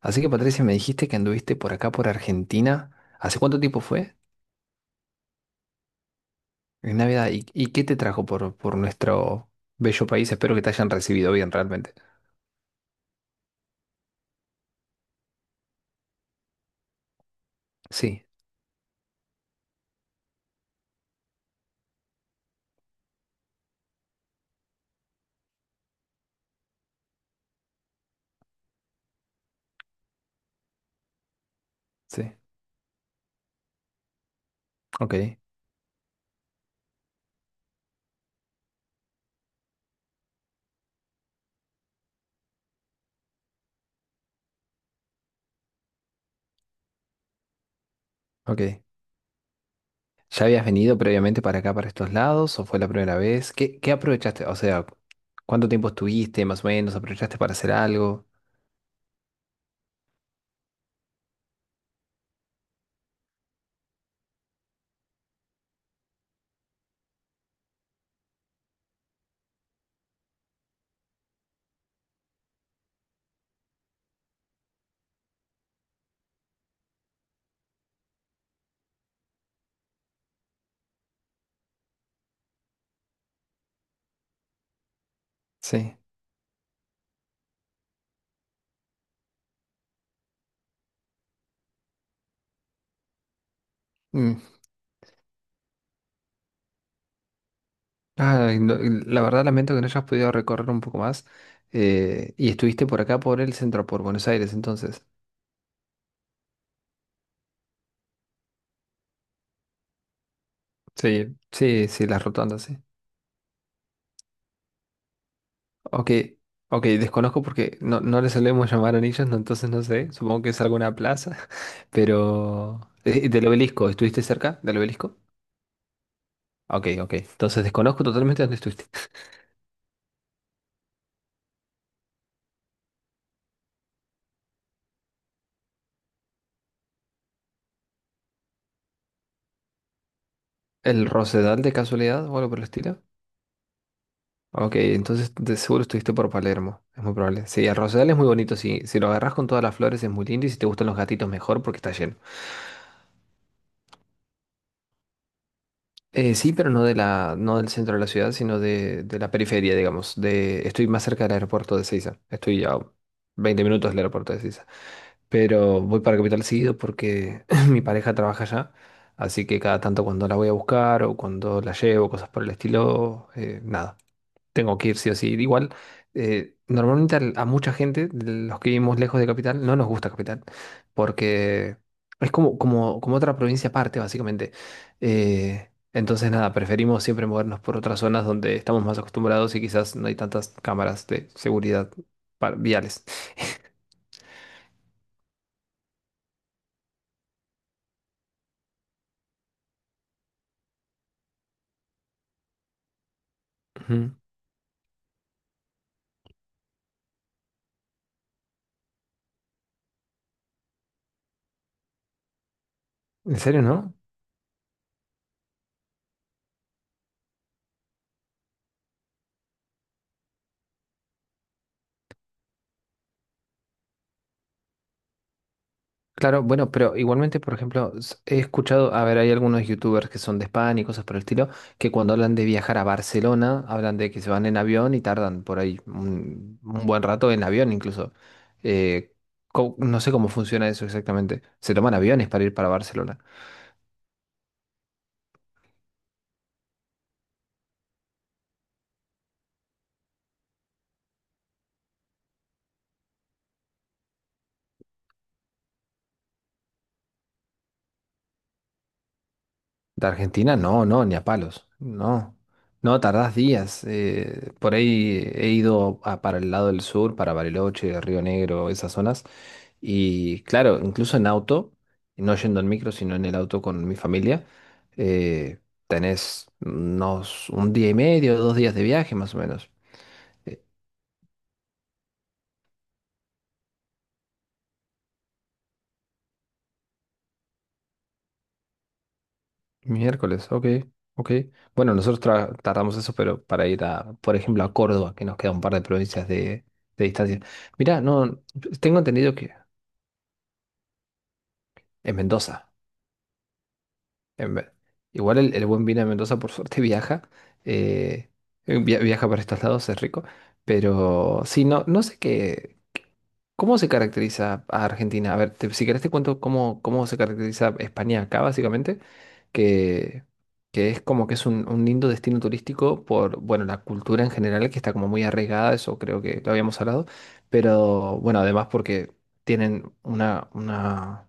Así que Patricia, me dijiste que anduviste por acá, por Argentina. ¿Hace cuánto tiempo fue? En Navidad. ¿Y qué te trajo por nuestro bello país? Espero que te hayan recibido bien realmente. Sí, sí. Ok, ok. ¿Ya habías venido previamente para acá, para estos lados? ¿O fue la primera vez? ¿Qué aprovechaste? O sea, ¿cuánto tiempo estuviste más o menos? ¿Aprovechaste para hacer algo? Sí. Mm. Ay, no, la verdad lamento que no hayas podido recorrer un poco más. Y estuviste por acá, por el centro, por Buenos Aires, entonces. Sí, sí, sí, las rotondas, sí. Ok, ok, desconozco porque no, no le solemos llamar anillos, no, entonces no sé, supongo que es alguna plaza, pero del obelisco, ¿estuviste cerca del obelisco? Ok, ok, entonces desconozco totalmente dónde estuviste. ¿El Rosedal de casualidad o algo por el estilo? Ok, entonces de seguro estuviste por Palermo, es muy probable. Sí, el Rosedal es muy bonito, si, si lo agarras con todas las flores es muy lindo y si te gustan los gatitos mejor porque está lleno. Sí, pero no de la, no del centro de la ciudad, sino de la periferia, digamos. De, estoy más cerca del aeropuerto de Ceiza. Estoy a 20 minutos del aeropuerto de Ceiza. Pero voy para Capital seguido porque mi pareja trabaja allá. Así que cada tanto cuando la voy a buscar o cuando la llevo, cosas por el estilo, nada. Tengo que ir sí o sí. Igual, normalmente a, mucha gente, de los que vivimos lejos de Capital, no nos gusta Capital, porque es como otra provincia aparte, básicamente. Entonces, nada, preferimos siempre movernos por otras zonas donde estamos más acostumbrados y quizás no hay tantas cámaras de seguridad viales. Ujú. ¿En serio, no? Claro, bueno, pero igualmente, por ejemplo, he escuchado, a ver, hay algunos youtubers que son de España y cosas por el estilo, que cuando hablan de viajar a Barcelona, hablan de que se van en avión y tardan por ahí un buen rato en avión incluso. Eh, no sé cómo funciona eso exactamente. ¿Se toman aviones para ir para Barcelona? De Argentina, no, no, ni a palos. No, no, tardás días. Por ahí he ido para el lado del sur, para Bariloche, Río Negro, esas zonas. Y claro, incluso en auto, no yendo en micro, sino en el auto con mi familia, eh, tenés unos un día y medio, dos días de viaje más o menos. Eh, Miércoles, ok, ok. Bueno, nosotros tardamos eso, pero para ir a, por ejemplo, a Córdoba, que nos queda un par de provincias de distancia. Mirá, no, tengo entendido que en Mendoza, en ve- igual el buen vino de Mendoza, por suerte, viaja, eh, viaja para estos lados, es rico, pero sí, no, no sé qué. ¿Cómo se caracteriza a Argentina? A ver, si querés te cuento cómo se caracteriza España acá, básicamente, que, que es como que es un lindo destino turístico por, bueno, la cultura en general, que está como muy arraigada, eso creo que lo habíamos hablado, pero bueno, además porque tienen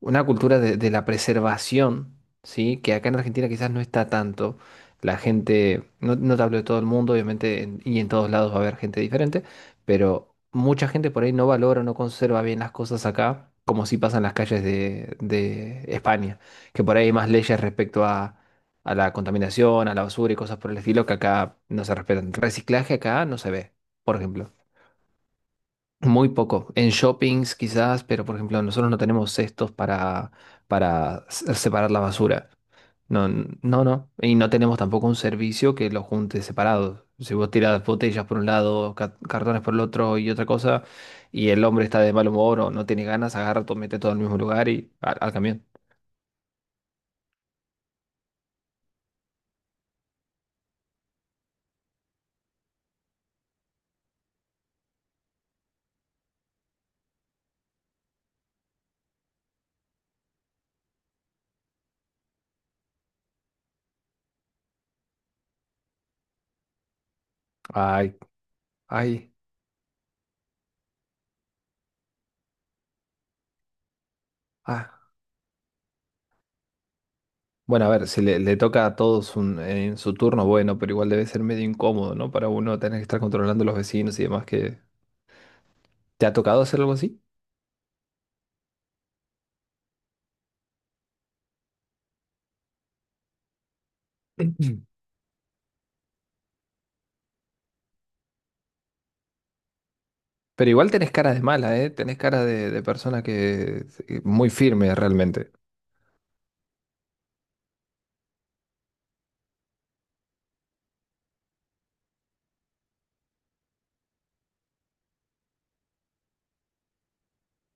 una cultura de la preservación, ¿sí? Que acá en Argentina quizás no está tanto. La gente, no, no te hablo de todo el mundo, obviamente, y en todos lados va a haber gente diferente, pero mucha gente por ahí no valora o no conserva bien las cosas acá, como si pasa en las calles de España, que por ahí hay más leyes respecto a la contaminación, a la basura y cosas por el estilo que acá no se respetan. Reciclaje acá no se ve, por ejemplo. Muy poco. En shoppings quizás, pero por ejemplo, nosotros no tenemos cestos para separar la basura. No, no, no. Y no tenemos tampoco un servicio que lo junte separado. Si vos tirás botellas por un lado, cartones por el otro y otra cosa, y el hombre está de mal humor o no tiene ganas, agarra todo, mete todo al mismo lugar y al camión. Ay, ay, ah. Bueno, a ver, si le toca a todos en su turno, bueno, pero igual debe ser medio incómodo, ¿no? Para uno tener que estar controlando a los vecinos y demás que ¿te ha tocado hacer algo así? Pero igual tenés cara de mala, ¿eh? Tenés cara de persona que muy firme realmente.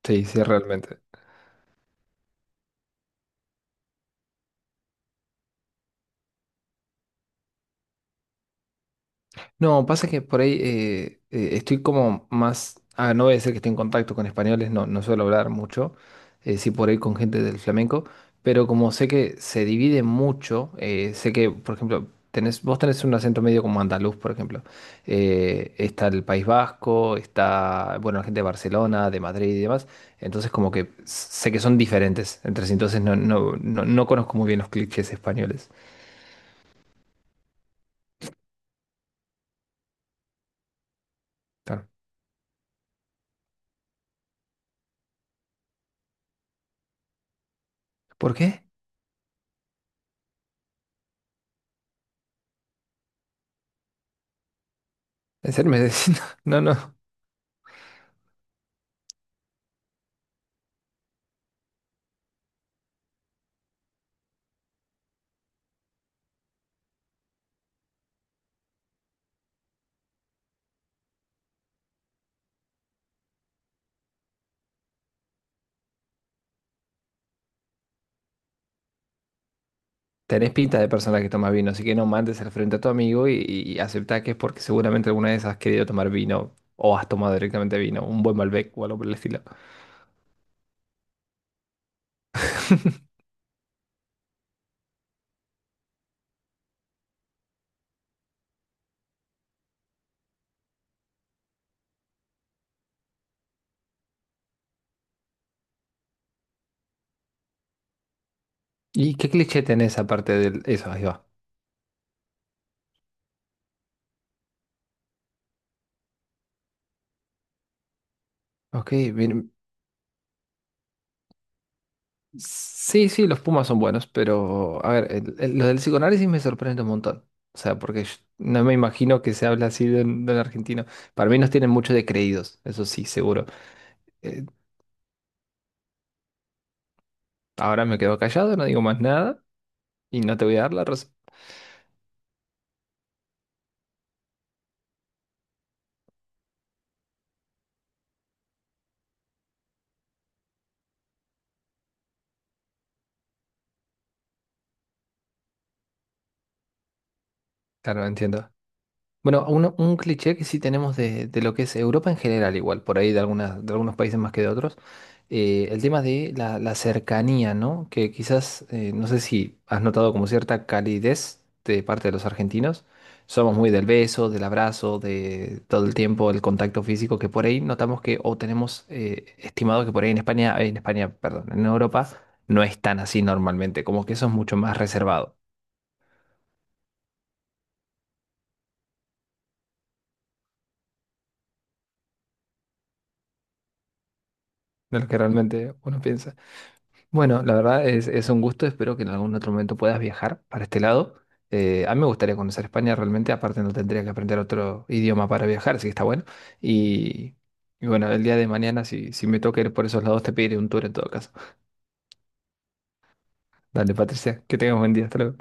Sí, sí, realmente. No, pasa que por ahí estoy como más. Ah, no voy a decir que estoy en contacto con españoles, no, no suelo hablar mucho, sí por ahí con gente del flamenco, pero como sé que se divide mucho, sé que, por ejemplo, vos tenés un acento medio como andaluz, por ejemplo. Está el País Vasco, está, bueno, la gente de Barcelona, de Madrid y demás, entonces como que sé que son diferentes entre sí, entonces no, no, no, no conozco muy bien los clichés españoles. Claro. ¿Por qué? ¿En serio me decís? No, no. Tenés pinta de persona que toma vino, así que no mandes al frente a tu amigo y aceptá que es porque seguramente alguna vez has querido tomar vino o has tomado directamente vino, un buen Malbec o algo por el estilo. ¿Y qué cliché tenés aparte de eso? Ahí va. Ok, bien. Sí, sí, los Pumas son buenos, pero a ver, lo del psicoanálisis me sorprende un montón. O sea, porque yo no me imagino que se habla así de un argentino. Para mí nos tienen mucho de creídos, eso sí, seguro. Eh, Ahora me quedo callado, no digo más nada y no te voy a dar la razón. Claro, entiendo. Bueno, un cliché que sí tenemos de lo que es Europa en general, igual, por ahí de, algunas, de algunos países más que de otros, el tema de la, la cercanía, ¿no? Que quizás, no sé si has notado como cierta calidez de parte de los argentinos. Somos muy del beso, del abrazo, de todo el tiempo, el contacto físico, que por ahí notamos que, o tenemos estimado que por ahí en España, perdón, en Europa no es tan así normalmente, como que eso es mucho más reservado de lo que realmente uno piensa. Bueno, la verdad es un gusto, espero que en algún otro momento puedas viajar para este lado. A mí me gustaría conocer España realmente, aparte no tendría que aprender otro idioma para viajar, así que está bueno. Y, y bueno, el día de mañana, si, si me toca ir por esos lados, te pediré un tour en todo caso. Dale, Patricia, que tengas buen día, hasta luego.